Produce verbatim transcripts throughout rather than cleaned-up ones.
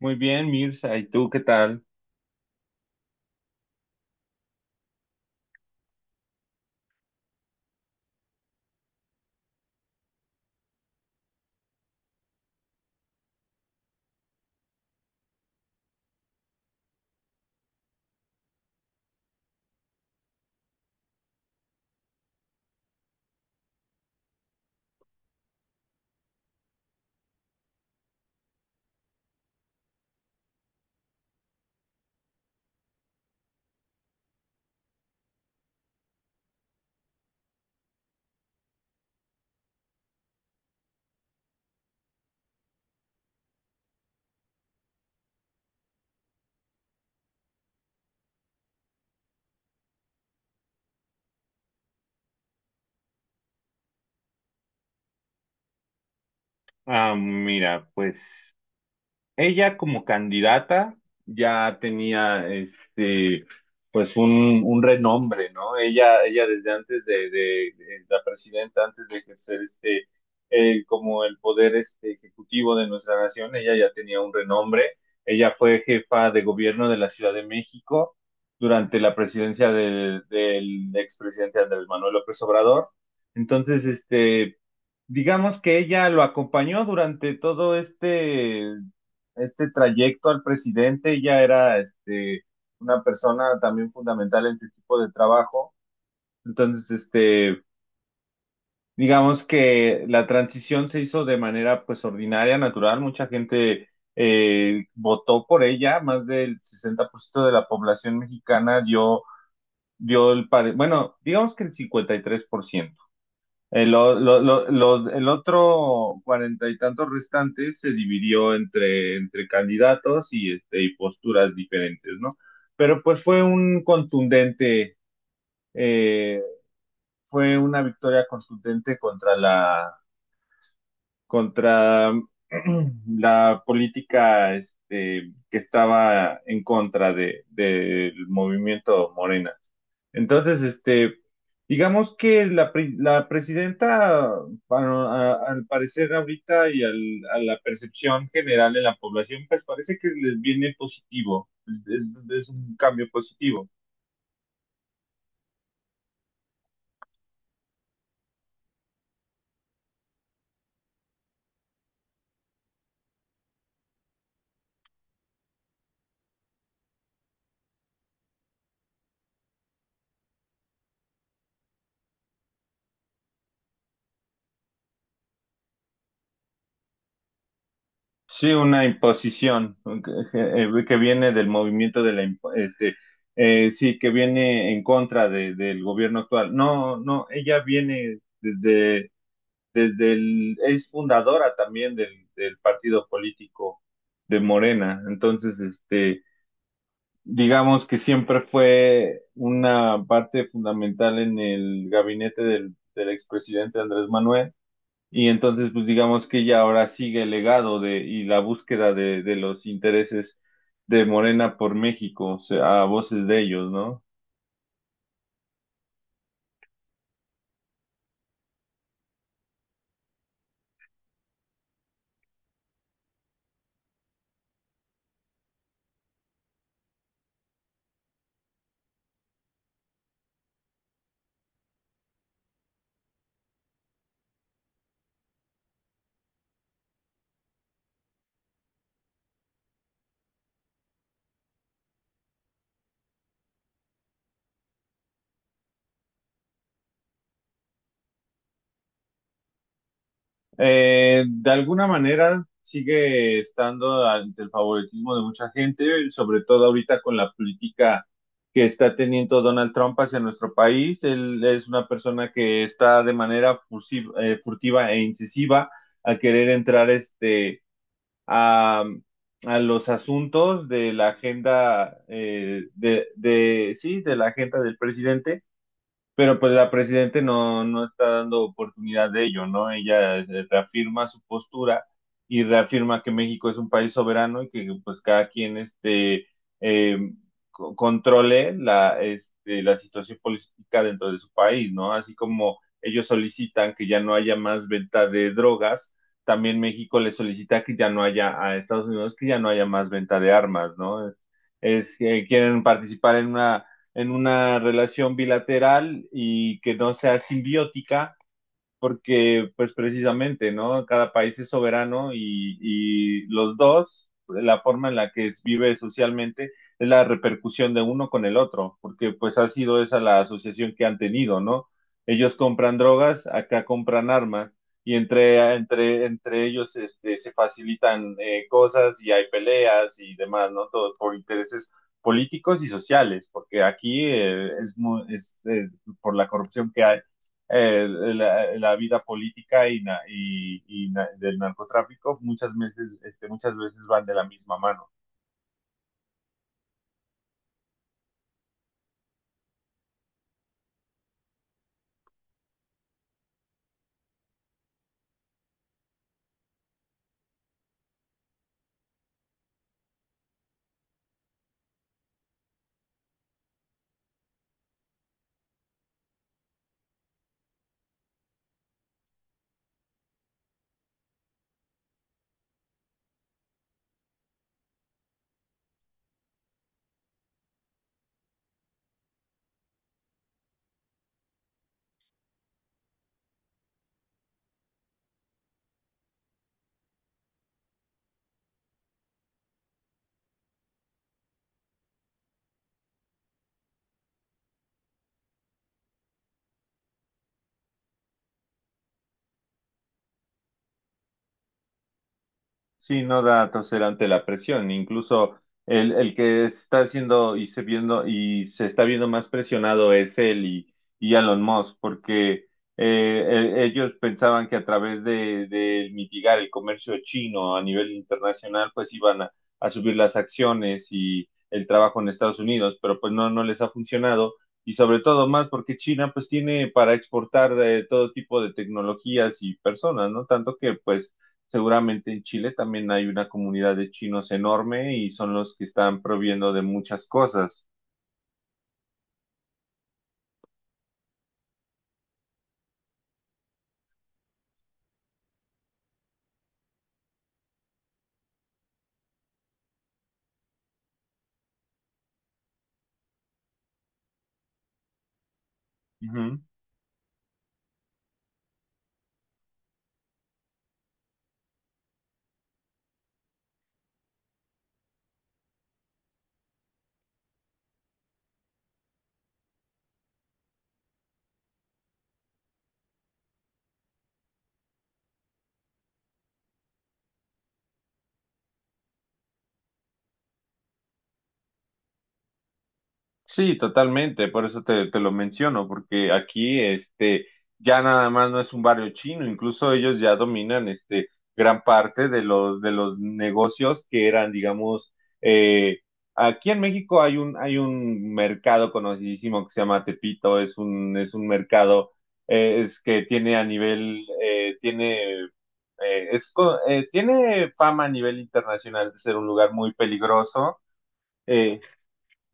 Muy bien, Mirza, ¿y tú qué tal? Ah, mira, pues ella como candidata ya tenía este pues un, un renombre, ¿no? Ella, ella desde antes de, de- de la presidenta, antes de ejercer este eh, como el poder este ejecutivo de nuestra nación, ella ya tenía un renombre. Ella fue jefa de gobierno de la Ciudad de México durante la presidencia del, del expresidente Andrés Manuel López Obrador. Entonces, este digamos que ella lo acompañó durante todo este este trayecto al presidente. Ella era este, una persona también fundamental en su equipo de trabajo. Entonces, este, digamos que la transición se hizo de manera pues ordinaria, natural. Mucha gente eh, votó por ella, más del sesenta por ciento de la población mexicana dio, dio el, pare- bueno, digamos que el cincuenta y tres por ciento el, o- lo- lo- los- el otro cuarenta y tantos restantes se dividió entre, entre candidatos y, este, y posturas diferentes, ¿no? Pero pues fue un contundente, eh, fue una victoria contundente contra la, contra la política, este, que estaba en contra de, del movimiento Morena. Entonces, este, digamos que la, pri- la presidenta, bueno, a- al parecer ahorita y al- a la percepción general de la población, pues parece que les viene positivo, es, es un cambio positivo. Sí, una imposición que, eh, que viene del movimiento de la, imp- este, eh, sí, que viene en contra de- del gobierno actual. No, no, ella viene desde desde el, es fundadora también del, del partido político de Morena. Entonces, este, digamos que siempre fue una parte fundamental en el gabinete del, del expresidente Andrés Manuel. Y entonces, pues digamos que ella ahora sigue el legado de, y la búsqueda de, de los intereses de Morena por México, o sea, a voces de ellos, ¿no? Eh, de alguna manera sigue estando ante el favoritismo de mucha gente, sobre todo ahorita con la política que está teniendo Donald Trump hacia nuestro país. Él es una persona que está de manera fusi- eh, furtiva e incisiva a querer entrar este, a, a los asuntos de la agenda eh, de, de, sí, de la agenda del presidente, pero pues la presidente no, no está dando oportunidad de ello, ¿no? Ella eh, reafirma su postura y reafirma que México es un país soberano y que pues cada quien este, eh, co- controle la, este, la situación política dentro de su país, ¿no? Así como ellos solicitan que ya no haya más venta de drogas, también México le solicita que ya no haya a Estados Unidos, que ya no haya más venta de armas, ¿no? Es, es que quieren participar en una en una relación bilateral y que no sea simbiótica, porque pues precisamente, ¿no? Cada país es soberano y, y los dos, la forma en la que es- vive socialmente es la repercusión de uno con el otro, porque pues ha sido esa la asociación que han tenido, ¿no? Ellos compran drogas, acá compran armas y entre, entre, entre ellos este, se facilitan eh, cosas y hay peleas y demás, ¿no? Todo por intereses políticos y sociales, porque aquí eh, es, mu- es eh, por la corrupción que hay, eh, la, la, vida política y, na, y, y na, del narcotráfico muchas veces, este, muchas veces van de la misma mano. Sí, no da a torcer ante la presión. Incluso el, el que está haciendo y se viendo y se está viendo más presionado es él y, y Elon Musk, porque eh, e- ellos pensaban que a través de, de mitigar el comercio chino a nivel internacional, pues iban a, a subir las acciones y el trabajo en Estados Unidos, pero pues no, no les ha funcionado. Y sobre todo más porque China pues tiene para exportar eh, todo tipo de tecnologías y personas, ¿no? Tanto que pues seguramente en Chile también hay una comunidad de chinos enorme y son los que están proviendo de muchas cosas. Ujú. Sí, totalmente, por eso te, te lo menciono, porque aquí este ya nada más no es un barrio chino, incluso ellos ya dominan este gran parte de los de los negocios que eran, digamos, eh, aquí en México hay un hay un mercado conocidísimo que se llama Tepito, es un es un mercado eh, es que tiene a nivel eh, tiene eh, es co- eh, tiene fama a nivel internacional de ser un lugar muy peligroso, eh,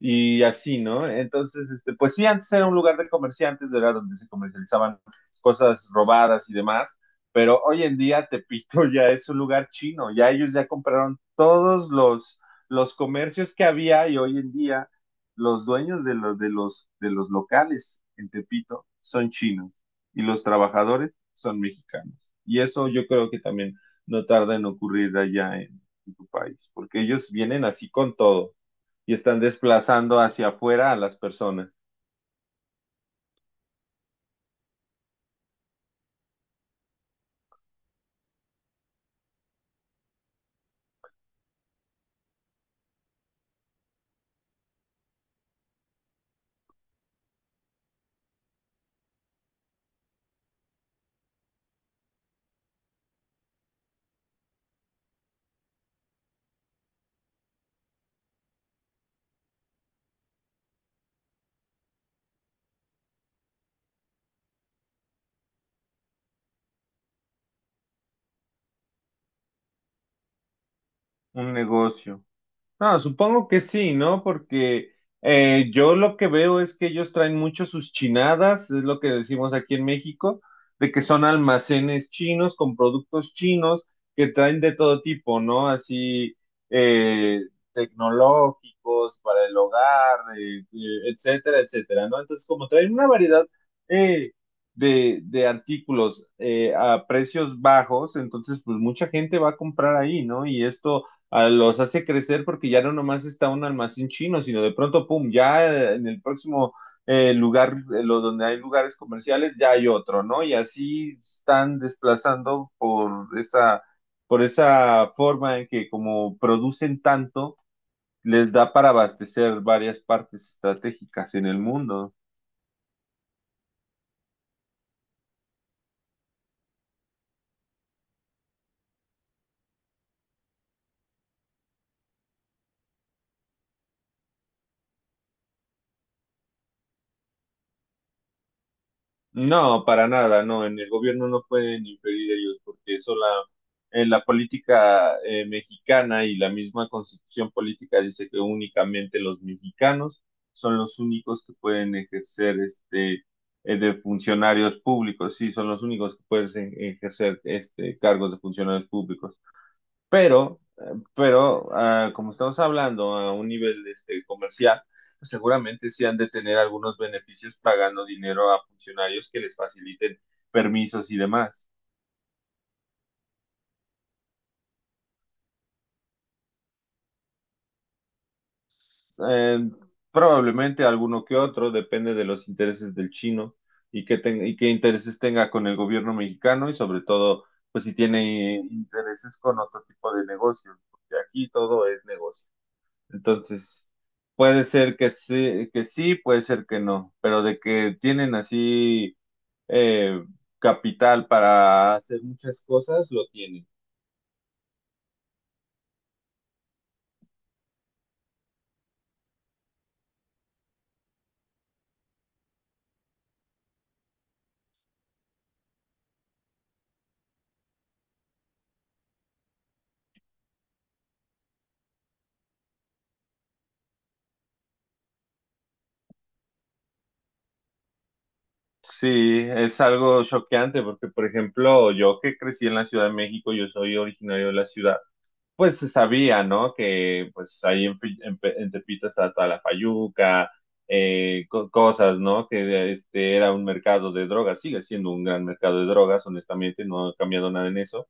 y así, ¿no? Entonces, este, pues sí, antes era un lugar de comerciantes, era donde se comercializaban cosas robadas y demás, pero hoy en día Tepito ya es un lugar chino, ya ellos ya compraron todos los, los comercios que había, y hoy en día los dueños de los, de los, de los locales en Tepito son chinos y los trabajadores son mexicanos. Y eso yo creo que también no tarda en ocurrir allá en, en tu país, porque ellos vienen así con todo y están desplazando hacia afuera a las personas. Un negocio. Ah, supongo que sí, ¿no? Porque eh, yo lo que veo es que ellos traen mucho sus chinadas, es lo que decimos aquí en México, de que son almacenes chinos con productos chinos que traen de todo tipo, ¿no? Así eh, tecnológicos para el hogar, eh, eh, etcétera, etcétera, ¿no? Entonces, como traen una variedad eh, de, de artículos eh, a precios bajos, entonces, pues mucha gente va a comprar ahí, ¿no? Y esto a- los hace crecer porque ya no nomás está un almacén chino, sino de pronto, pum, ya eh, en el próximo eh, lugar, eh, lo donde hay lugares comerciales, ya hay otro, ¿no? Y así están desplazando por esa, por esa forma en que como producen tanto, les da para abastecer varias partes estratégicas en el mundo. No, para nada, no, en el gobierno no pueden inferir ellos, porque eso la, eh, la política eh, mexicana y la misma constitución política dice que únicamente los mexicanos son los únicos que pueden ejercer este eh, de funcionarios públicos, sí, son los únicos que pueden ejercer este cargos de funcionarios públicos. Pero, eh, pero ah, como estamos hablando a un nivel este, comercial, pues seguramente sí han de tener algunos beneficios pagando dinero a funcionarios que les faciliten permisos y demás. Eh, Probablemente alguno que otro, depende de los intereses del chino y qué, ten- y qué intereses tenga con el gobierno mexicano y sobre todo, pues si tiene intereses con otro tipo de negocios, porque aquí todo es negocio. Entonces, puede ser que sí, que sí, puede ser que no, pero de que tienen así eh, capital para hacer muchas cosas, lo tienen. Sí, es algo choqueante porque, por ejemplo, yo que crecí en la Ciudad de México, yo soy originario de la ciudad, pues se sabía, ¿no? Que pues ahí en, Pi- en Pe- en Tepito estaba toda la fayuca, eh, co- cosas, ¿no? Que este era un mercado de drogas, sigue siendo un gran mercado de drogas, honestamente, no ha cambiado nada en eso.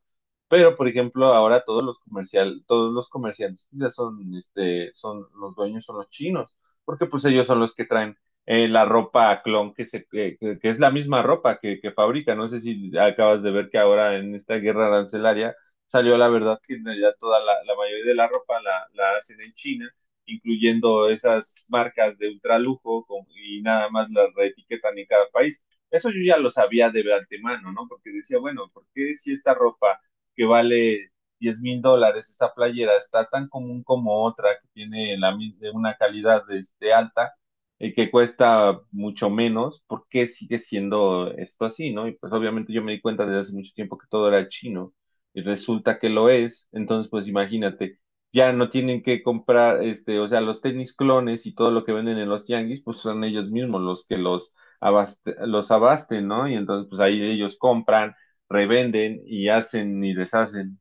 Pero, por ejemplo, ahora todos los comercial, todos los comerciantes ya son, este, son los dueños son los chinos, porque pues ellos son los que traen eh, la ropa clon que se, que, que- que es la misma ropa que, que fabrica. No sé si acabas de ver que ahora en esta guerra arancelaria salió la verdad que en realidad toda la, la mayoría de la ropa la, la hacen en China, incluyendo esas marcas de ultralujo con- y nada más las reetiquetan en cada país. Eso yo ya lo sabía de antemano, ¿no? Porque decía, bueno, ¿por qué si esta ropa que vale diez mil dólares esta playera está tan común como otra que tiene la, mis- de una calidad de, de alta, eh, que cuesta mucho menos, ¿por qué sigue siendo esto así, no? Y pues obviamente yo me di cuenta desde hace mucho tiempo que todo era chino y resulta que lo es, entonces pues imagínate, ya no tienen que comprar, este, o sea, los tenis clones y todo lo que venden en los tianguis, pues son ellos mismos los que los abaste- los abasten, ¿no? Y entonces pues ahí ellos compran, revenden y hacen y deshacen.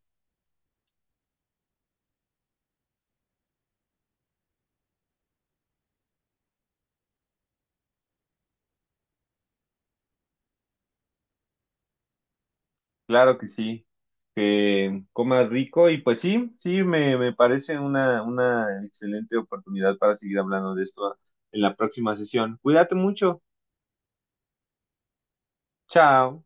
Claro que sí, que comas rico y pues sí, sí, me, me parece una, una excelente oportunidad para seguir hablando de esto en la próxima sesión. Cuídate mucho. Chao.